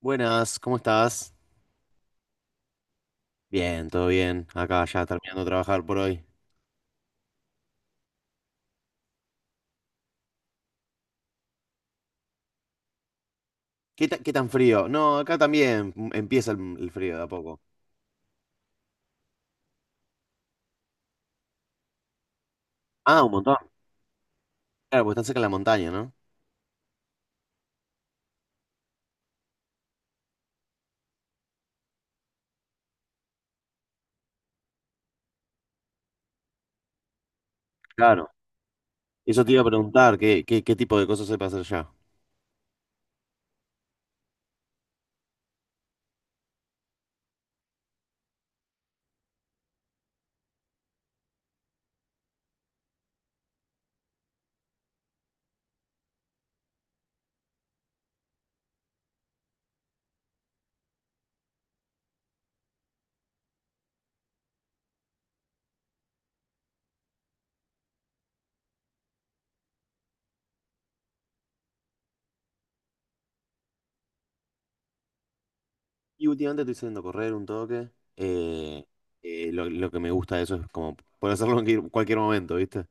Buenas, ¿cómo estás? Bien, todo bien. Acá ya terminando de trabajar por hoy. ¿Qué, qué tan frío? No, acá también empieza el frío de a poco. Ah, un montón. Claro, porque están cerca de la montaña, ¿no? Claro. Eso te iba a preguntar, ¿qué tipo de cosas se puede hacer ya? Y últimamente estoy saliendo a correr un toque. Eh, lo que me gusta de eso es como poder hacerlo en cualquier momento, ¿viste?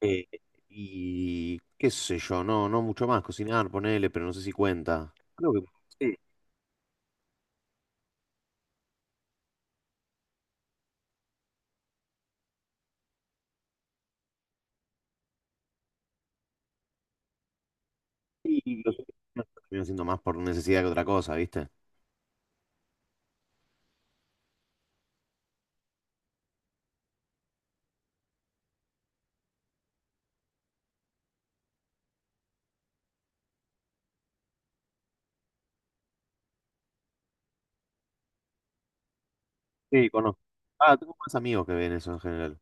Eh, y qué sé yo, no mucho más. Cocinar, ponele, pero no sé si cuenta. Creo que sí. Y los últimos terminan siendo más por necesidad que otra cosa, ¿viste? Sí, conozco. Ah, tengo más amigos que ven eso en general.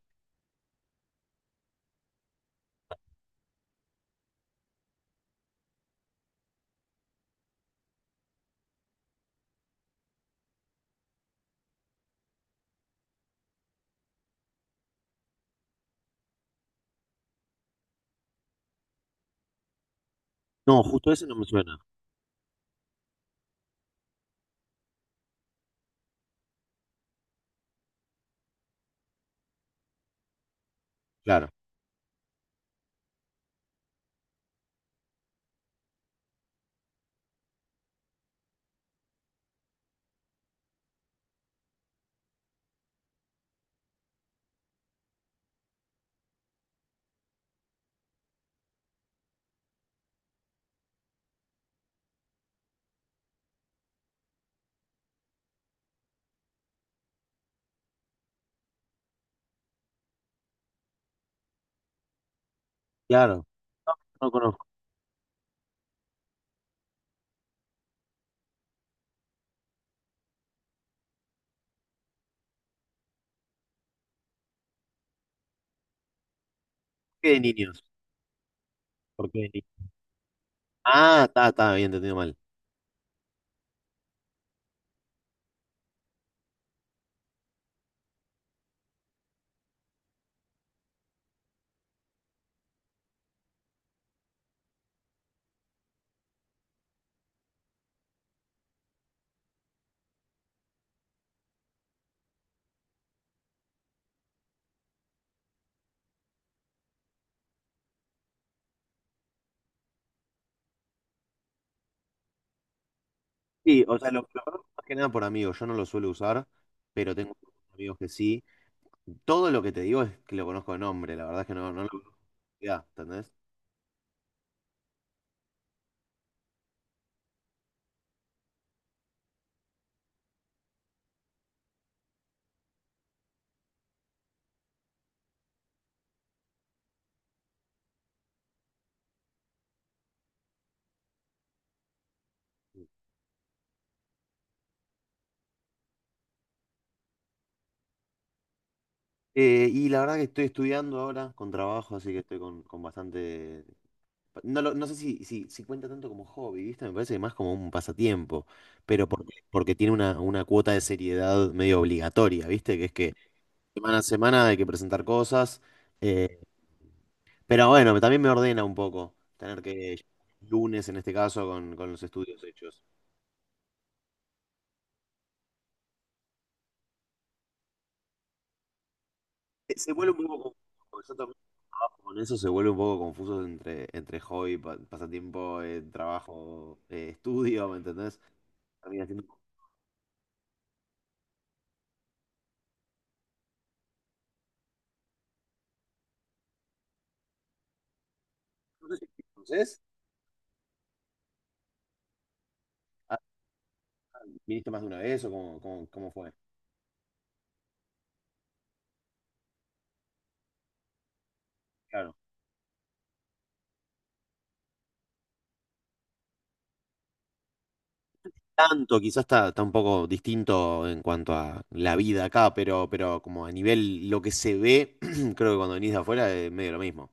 No, justo ese no me suena. Claro, claro. No, no conozco. ¿Qué de niños? ¿Por qué de niños? Ah, está, está, bien, entendido mal. Sí, o sea, lo conozco más que nada por amigos. Yo no lo suelo usar, pero tengo amigos que sí. Todo lo que te digo es que lo conozco de nombre. La verdad es que no, no lo conozco. Ya, ¿entendés? Y la verdad que estoy estudiando ahora con trabajo, así que estoy con bastante. No sé si cuenta tanto como hobby, ¿viste? Me parece que más como un pasatiempo, pero porque tiene una cuota de seriedad medio obligatoria, ¿viste? Que es que semana a semana hay que presentar cosas, eh, pero bueno, también me ordena un poco tener que lunes en este caso con los estudios hechos. Se vuelve un poco confuso, yo también trabajo con eso, se vuelve un poco confuso entre, entre hobby, pasatiempo, trabajo, estudio, ¿me entendés? Termina siendo... No sé si... ¿Conoces? ¿Viniste más de una vez o cómo, cómo fue? Claro. Tanto, quizás está, está un poco distinto en cuanto a la vida acá, pero como a nivel lo que se ve, creo que cuando venís de afuera es medio lo mismo.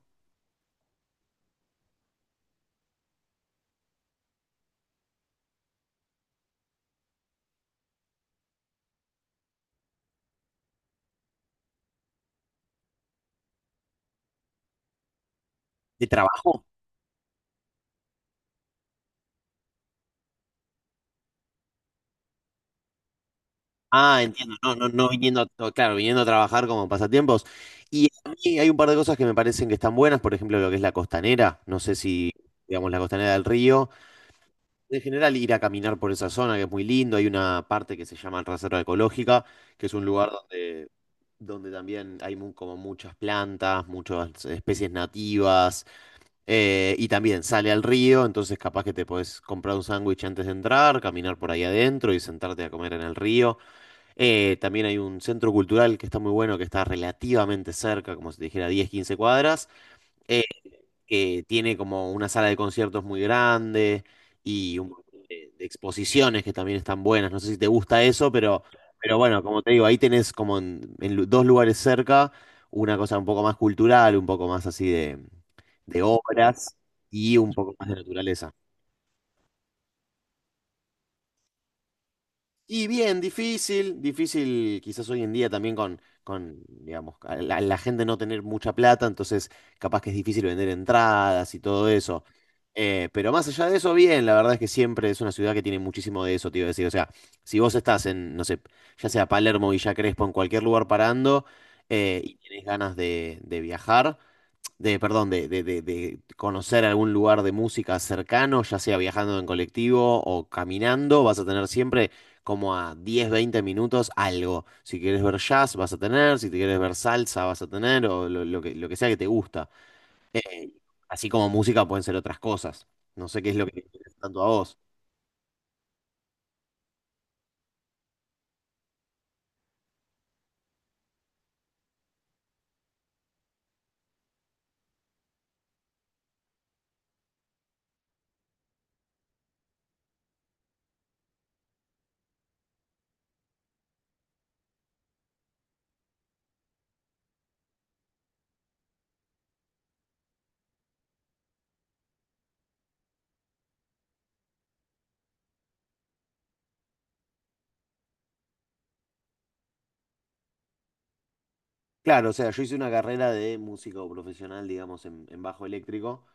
¿De trabajo? Ah, entiendo, no, no, no viniendo, claro, viniendo a trabajar como pasatiempos. Y a mí hay un par de cosas que me parecen que están buenas, por ejemplo, lo que es la costanera, no sé si, digamos, la costanera del río. En general, ir a caminar por esa zona que es muy lindo, hay una parte que se llama Reserva Ecológica que es un lugar donde también hay como muchas plantas, muchas especies nativas, y también sale al río, entonces capaz que te podés comprar un sándwich antes de entrar, caminar por ahí adentro y sentarte a comer en el río. También hay un centro cultural que está muy bueno, que está relativamente cerca, como si te dijera 10 15 cuadras, que tiene como una sala de conciertos muy grande y un montón de exposiciones que también están buenas. No sé si te gusta eso, pero bueno, como te digo, ahí tenés como en dos lugares cerca una cosa un poco más cultural, un poco más así de obras y un poco más de naturaleza. Y bien, difícil, difícil quizás hoy en día también con digamos, a la gente no tener mucha plata, entonces capaz que es difícil vender entradas y todo eso. Pero más allá de eso, bien, la verdad es que siempre es una ciudad que tiene muchísimo de eso, te iba a decir. O sea, si vos estás en, no sé, ya sea Palermo, Villa Crespo, en cualquier lugar parando y tenés ganas de viajar de, perdón, de conocer algún lugar de música cercano, ya sea viajando en colectivo o caminando, vas a tener siempre como a 10 20 minutos algo. Si quieres ver jazz, vas a tener, si te quieres ver salsa, vas a tener, o lo, lo que sea que te gusta. Eh, así como música pueden ser otras cosas. No sé qué es lo que te interesa tanto a vos. Claro, o sea, yo hice una carrera de músico profesional, digamos, en bajo eléctrico.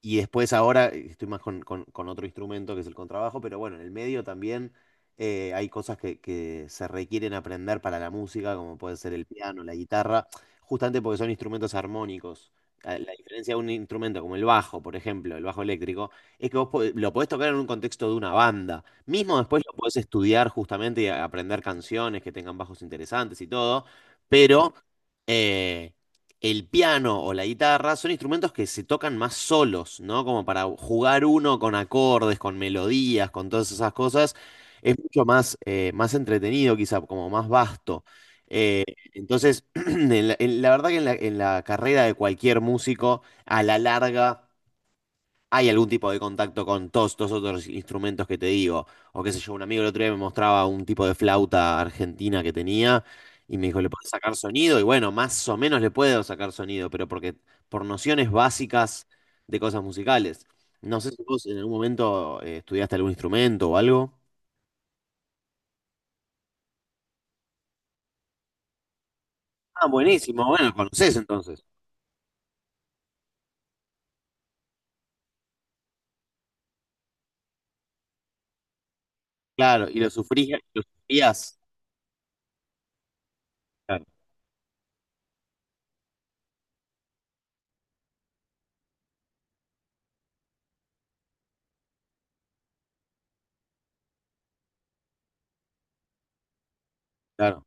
Y después ahora estoy más con, con otro instrumento que es el contrabajo, pero bueno, en el medio también hay cosas que se requieren aprender para la música, como puede ser el piano, la guitarra, justamente porque son instrumentos armónicos. La diferencia de un instrumento como el bajo, por ejemplo, el bajo eléctrico, es que vos lo podés tocar en un contexto de una banda. Mismo después lo podés estudiar justamente y aprender canciones que tengan bajos interesantes y todo, pero... eh, el piano o la guitarra son instrumentos que se tocan más solos, ¿no? Como para jugar uno con acordes, con melodías, con todas esas cosas. Es mucho más, más entretenido, quizá, como más vasto. Eh, entonces, en la, la verdad que en la carrera de cualquier músico, a la larga hay algún tipo de contacto con todos estos otros instrumentos que te digo. O qué sé yo, un amigo el otro día me mostraba un tipo de flauta argentina que tenía y me dijo, ¿le puedes sacar sonido? Y bueno, más o menos le puedo sacar sonido, pero porque por nociones básicas de cosas musicales. No sé si vos en algún momento estudiaste algún instrumento o algo. Ah, buenísimo, bueno, lo conocés entonces. Claro, y lo sufrías, lo sufrías. Claro, claro.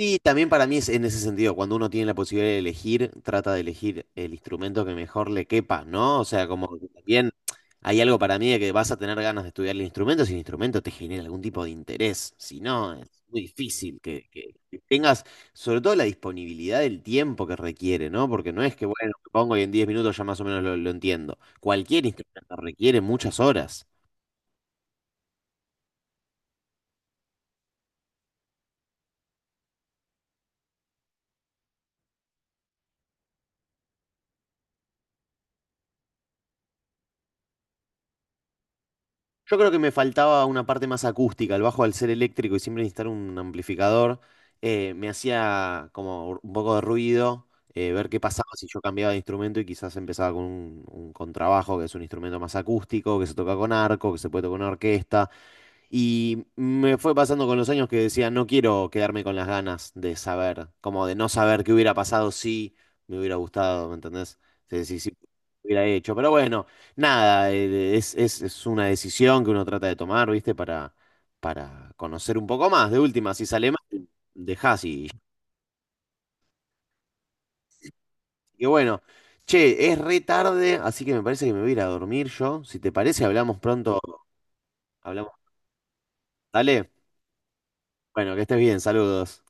Y también para mí es en ese sentido, cuando uno tiene la posibilidad de elegir, trata de elegir el instrumento que mejor le quepa, ¿no? O sea, como que también hay algo para mí de que vas a tener ganas de estudiar el instrumento si el instrumento te genera algún tipo de interés. Si no, es muy difícil que, que tengas, sobre todo la disponibilidad del tiempo que requiere, ¿no? Porque no es que, bueno, me pongo y en 10 minutos ya más o menos lo entiendo. Cualquier instrumento requiere muchas horas. Yo creo que me faltaba una parte más acústica. El bajo al ser eléctrico y siempre necesitar un amplificador, me hacía como un poco de ruido, ver qué pasaba si yo cambiaba de instrumento y quizás empezaba con un contrabajo, que es un instrumento más acústico, que se toca con arco, que se puede tocar con orquesta. Y me fue pasando con los años que decía, no quiero quedarme con las ganas de saber, como de no saber qué hubiera pasado si me hubiera gustado, ¿me entendés? Si hubiera hecho. Pero bueno, nada, es una decisión que uno trata de tomar, ¿viste? Para conocer un poco más. De última, si sale mal, dejás y... Y bueno, che, es re tarde, así que me parece que me voy a ir a dormir yo. Si te parece, hablamos pronto. Hablamos. Dale. Bueno, que estés bien, saludos.